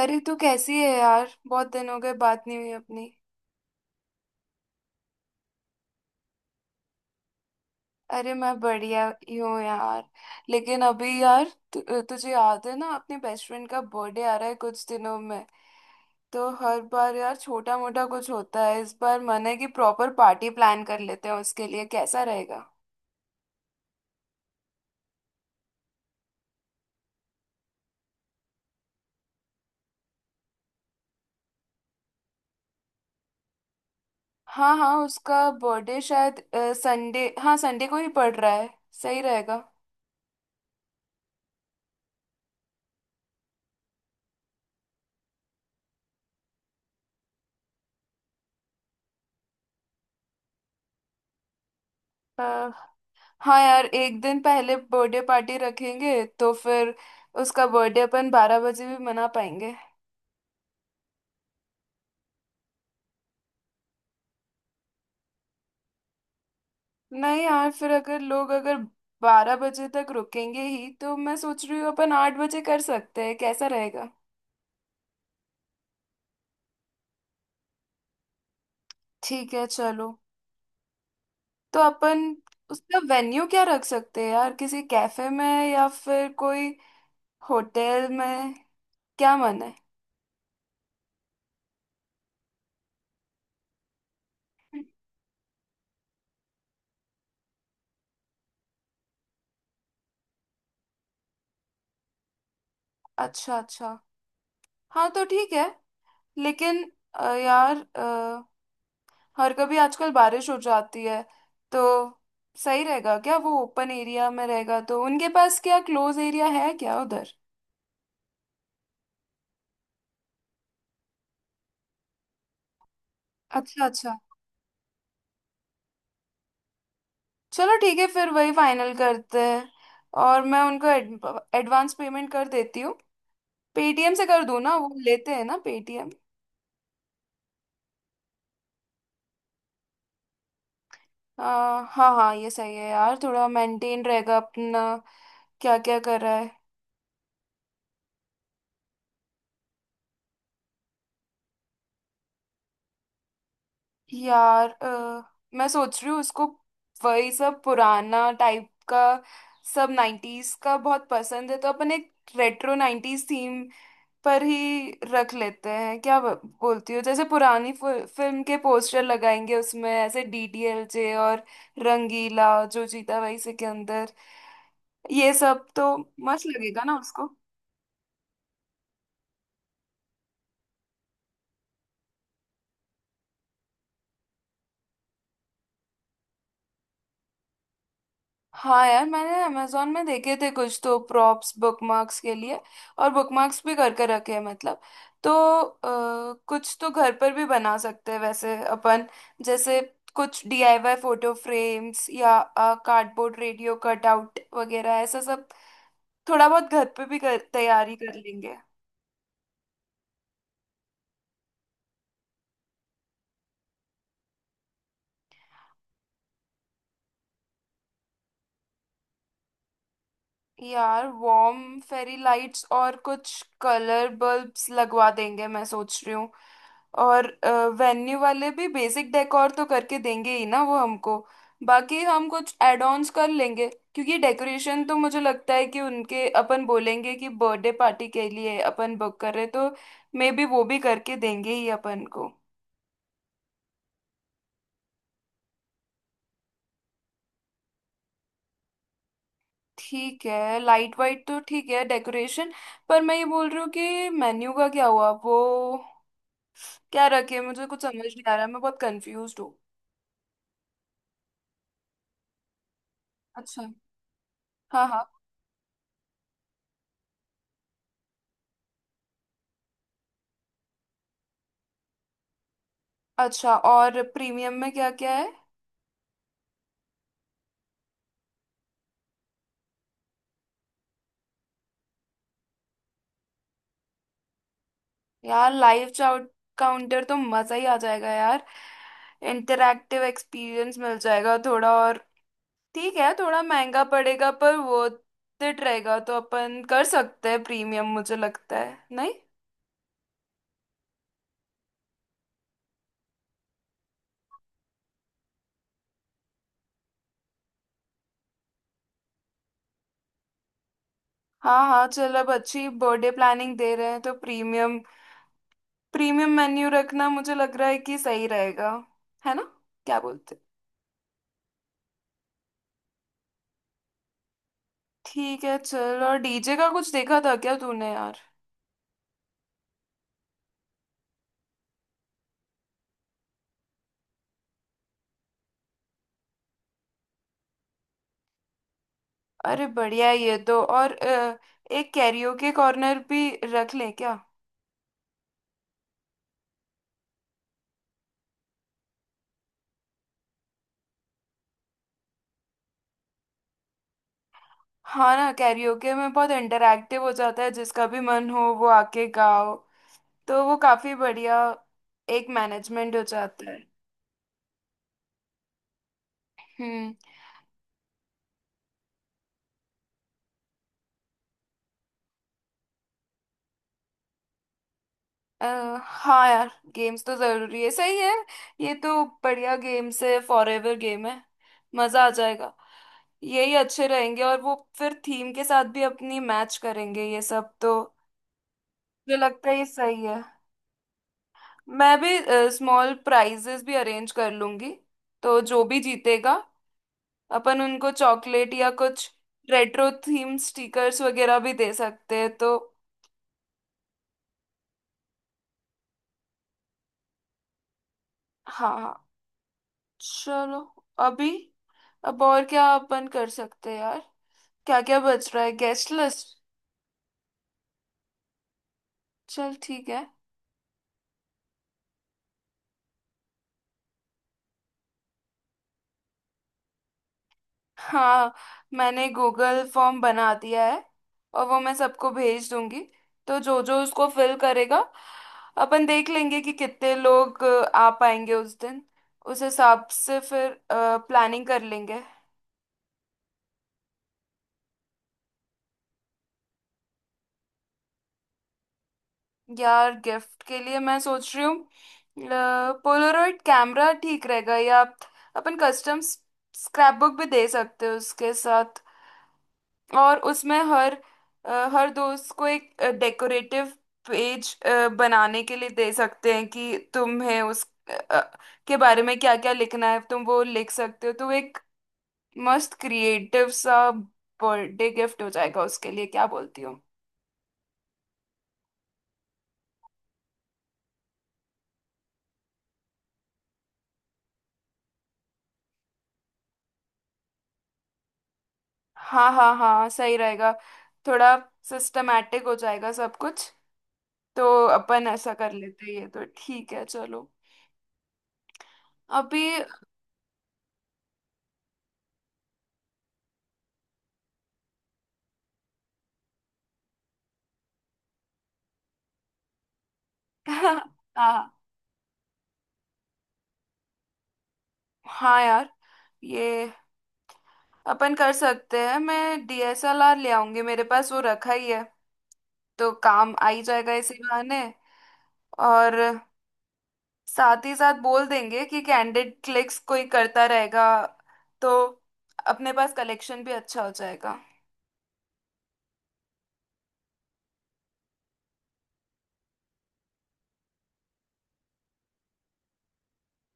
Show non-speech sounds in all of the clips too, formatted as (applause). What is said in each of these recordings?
अरे तू कैसी है यार। बहुत दिन हो गए, बात नहीं हुई अपनी। अरे मैं बढ़िया ही हूँ यार। लेकिन अभी यार, तु, तुझे याद है ना अपने बेस्ट फ्रेंड का बर्थडे आ रहा है कुछ दिनों में। तो हर बार यार छोटा मोटा कुछ होता है, इस बार मन है कि प्रॉपर पार्टी प्लान कर लेते हैं उसके लिए। कैसा रहेगा? हाँ हाँ, उसका बर्थडे शायद संडे, हाँ संडे को ही पड़ रहा है। सही रहेगा। हाँ यार, एक दिन पहले बर्थडे पार्टी रखेंगे तो फिर उसका बर्थडे अपन 12 बजे भी मना पाएंगे। नहीं यार, फिर अगर लोग अगर 12 बजे तक रुकेंगे ही तो मैं सोच रही हूँ अपन 8 बजे कर सकते हैं। कैसा रहेगा? ठीक है चलो। तो अपन उसका वेन्यू क्या रख सकते हैं यार? किसी कैफे में या फिर कोई होटल में? क्या मन है? अच्छा अच्छा, हाँ तो ठीक है। लेकिन यार, और कभी आजकल बारिश हो जाती है तो सही रहेगा क्या? वो ओपन एरिया में रहेगा तो उनके पास क्या क्लोज एरिया है क्या उधर? अच्छा अच्छा, चलो ठीक है फिर वही फाइनल करते हैं। और मैं उनको एडवांस पेमेंट कर देती हूँ। पेटीएम से कर दूँ ना, वो लेते हैं ना पेटीएम? हाँ हाँ हाँ, ये सही है यार, थोड़ा मेंटेन रहेगा अपना क्या क्या कर रहा है। यार मैं सोच रही हूँ उसको वही सब पुराना टाइप का, सब नाइन्टीज का बहुत पसंद है तो अपन एक रेट्रो नाइन्टीज थीम पर ही रख लेते हैं। क्या बोलती हो? जैसे पुरानी फिल्म के पोस्टर लगाएंगे उसमें, ऐसे डीडीएलजे और रंगीला, जो जीता वही सिकंदर, ये सब तो मस्त लगेगा ना उसको। हाँ यार, मैंने अमेजोन में देखे थे कुछ तो प्रॉप्स बुकमार्क्स के लिए, और बुकमार्क्स भी करके रखे हैं मतलब। तो कुछ तो घर पर भी बना सकते हैं वैसे अपन, जैसे कुछ डीआईवाई फोटो फ्रेम्स या कार्डबोर्ड रेडियो कटआउट वगैरह ऐसा सब थोड़ा बहुत घर पे भी तैयारी कर लेंगे। यार वार्म फेरी लाइट्स और कुछ कलर बल्ब्स लगवा देंगे, मैं सोच रही हूँ। और वेन्यू वाले भी बेसिक डेकोर तो करके देंगे ही ना वो हमको, बाकी हम कुछ एड ऑन्स कर लेंगे। क्योंकि डेकोरेशन तो मुझे लगता है कि उनके, अपन बोलेंगे कि बर्थडे पार्टी के लिए अपन बुक कर रहे तो मे बी वो भी करके देंगे ही अपन को। ठीक है, लाइट वाइट तो ठीक है, डेकोरेशन। पर मैं ये बोल रही हूँ कि मेन्यू का क्या हुआ वो, क्या रखे? मुझे कुछ समझ नहीं आ रहा, मैं बहुत कंफ्यूज हूँ। अच्छा, हाँ हाँ। अच्छा, और प्रीमियम में क्या क्या है? यार लाइव चाउट काउंटर तो मजा ही आ जाएगा यार, इंटरैक्टिव एक्सपीरियंस मिल जाएगा थोड़ा और। ठीक है, थोड़ा महंगा पड़ेगा पर वो it रहेगा तो अपन कर सकते हैं प्रीमियम, मुझे लगता है। नहीं हाँ हाँ चल, अब अच्छी बर्थडे प्लानिंग दे रहे हैं तो प्रीमियम, मेन्यू रखना मुझे लग रहा है कि सही रहेगा। है ना? क्या बोलते? ठीक है चल। और डीजे का कुछ देखा था क्या तूने यार? अरे बढ़िया है ये तो। और एक कैरियोके कॉर्नर भी रख ले क्या? हाँ ना, कैरियोके में बहुत इंटरैक्टिव हो जाता है, जिसका भी मन हो वो आके गाओ तो वो काफी बढ़िया एक मैनेजमेंट हो जाता है। हम्म। अ, हाँ यार, गेम्स तो जरूरी है, सही है। ये तो बढ़िया गेम्स है, फॉर एवर गेम है। मजा आ जाएगा। यही अच्छे रहेंगे, और वो फिर थीम के साथ भी अपनी मैच करेंगे ये सब तो। मुझे लगता है ये सही है। मैं भी स्मॉल प्राइजेस भी अरेंज कर लूंगी, तो जो भी जीतेगा अपन उनको चॉकलेट या कुछ रेट्रो थीम स्टिकर्स वगैरह भी दे सकते हैं तो। हाँ हाँ चलो। अभी, अब और क्या अपन कर सकते हैं यार? क्या क्या बच रहा है? Guest list. चल ठीक है। हाँ, मैंने गूगल फॉर्म बना दिया है और वो मैं सबको भेज दूंगी। तो जो जो उसको फिल करेगा, अपन देख लेंगे कि कितने लोग आ पाएंगे उस दिन। उस हिसाब से फिर प्लानिंग कर लेंगे। यार गिफ्ट के लिए मैं सोच रही हूँ पोलरॉइड कैमरा ठीक रहेगा, या अपन कस्टम स्क्रैप बुक भी दे सकते हो उसके साथ। और उसमें हर, हर दोस्त को एक डेकोरेटिव पेज बनाने के लिए दे सकते हैं कि तुम्हें उस अ, के बारे में क्या क्या लिखना है तुम वो लिख सकते हो। तो एक मस्त क्रिएटिव सा बर्थडे गिफ्ट हो जाएगा उसके लिए। क्या बोलती हो? हाँ हाँ हाँ, सही रहेगा, थोड़ा सिस्टमेटिक हो जाएगा सब कुछ। तो अपन ऐसा कर लेते हैं, ये तो ठीक है चलो। अभी (laughs) हाँ हाँ यार, ये अपन कर सकते हैं। मैं डीएसएलआर ले आऊंगी, मेरे पास वो रखा ही है, तो काम आ ही जाएगा इसी बहाने। और साथ ही साथ बोल देंगे कि कैंडिड क्लिक्स कोई करता रहेगा, तो अपने पास कलेक्शन भी अच्छा हो जाएगा।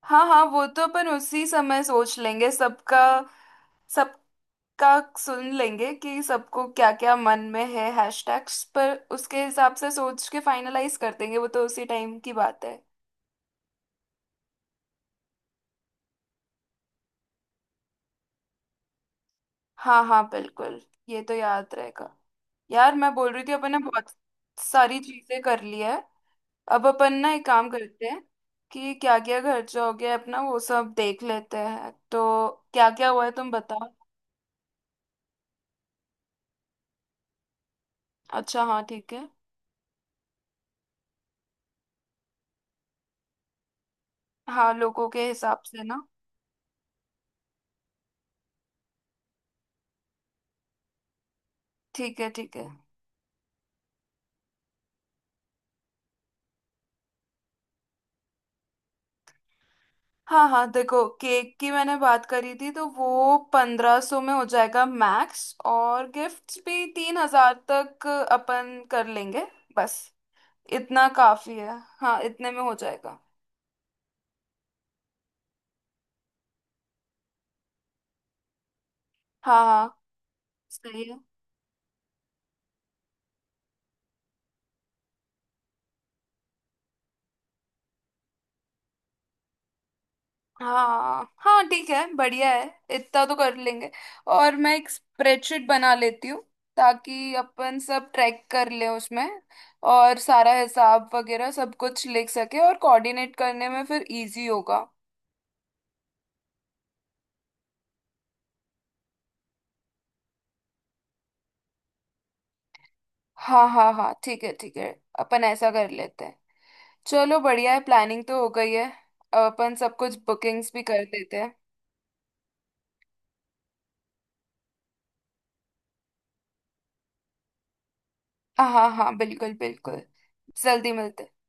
हाँ हाँ, वो तो अपन उसी समय सोच लेंगे सबका, सबका सुन लेंगे कि सबको क्या क्या मन में है हैशटैग्स पर, उसके हिसाब से सोच के फाइनलाइज कर देंगे। वो तो उसी टाइम की बात है। हाँ हाँ बिल्कुल, ये तो याद रहेगा। यार मैं बोल रही थी अपन ने बहुत सारी चीजें कर ली है। अब अपन ना एक काम करते हैं कि क्या क्या खर्चा हो गया है अपना वो सब देख लेते हैं। तो क्या क्या हुआ है तुम बताओ। अच्छा हाँ, ठीक है। हाँ, लोगों के हिसाब से ना। ठीक है ठीक है। हाँ हाँ देखो, केक की मैंने बात करी थी तो वो 1500 में हो जाएगा मैक्स, और गिफ्ट्स भी 3000 तक अपन कर लेंगे। बस इतना काफी है, हाँ इतने में हो जाएगा। हाँ हाँ सही है। हाँ हाँ ठीक है, बढ़िया है, इतना तो कर लेंगे। और मैं एक स्प्रेडशीट बना लेती हूँ ताकि अपन सब ट्रैक कर ले उसमें, और सारा हिसाब वगैरह सब कुछ लिख सके, और कोऑर्डिनेट करने में फिर इजी होगा। हाँ हाँ हाँ, ठीक है ठीक है, अपन ऐसा कर लेते हैं। चलो बढ़िया है, प्लानिंग तो हो गई है, अपन सब कुछ बुकिंग्स भी कर लेते हैं। हाँ हाँ हाँ बिल्कुल बिल्कुल, जल्दी मिलते हैं।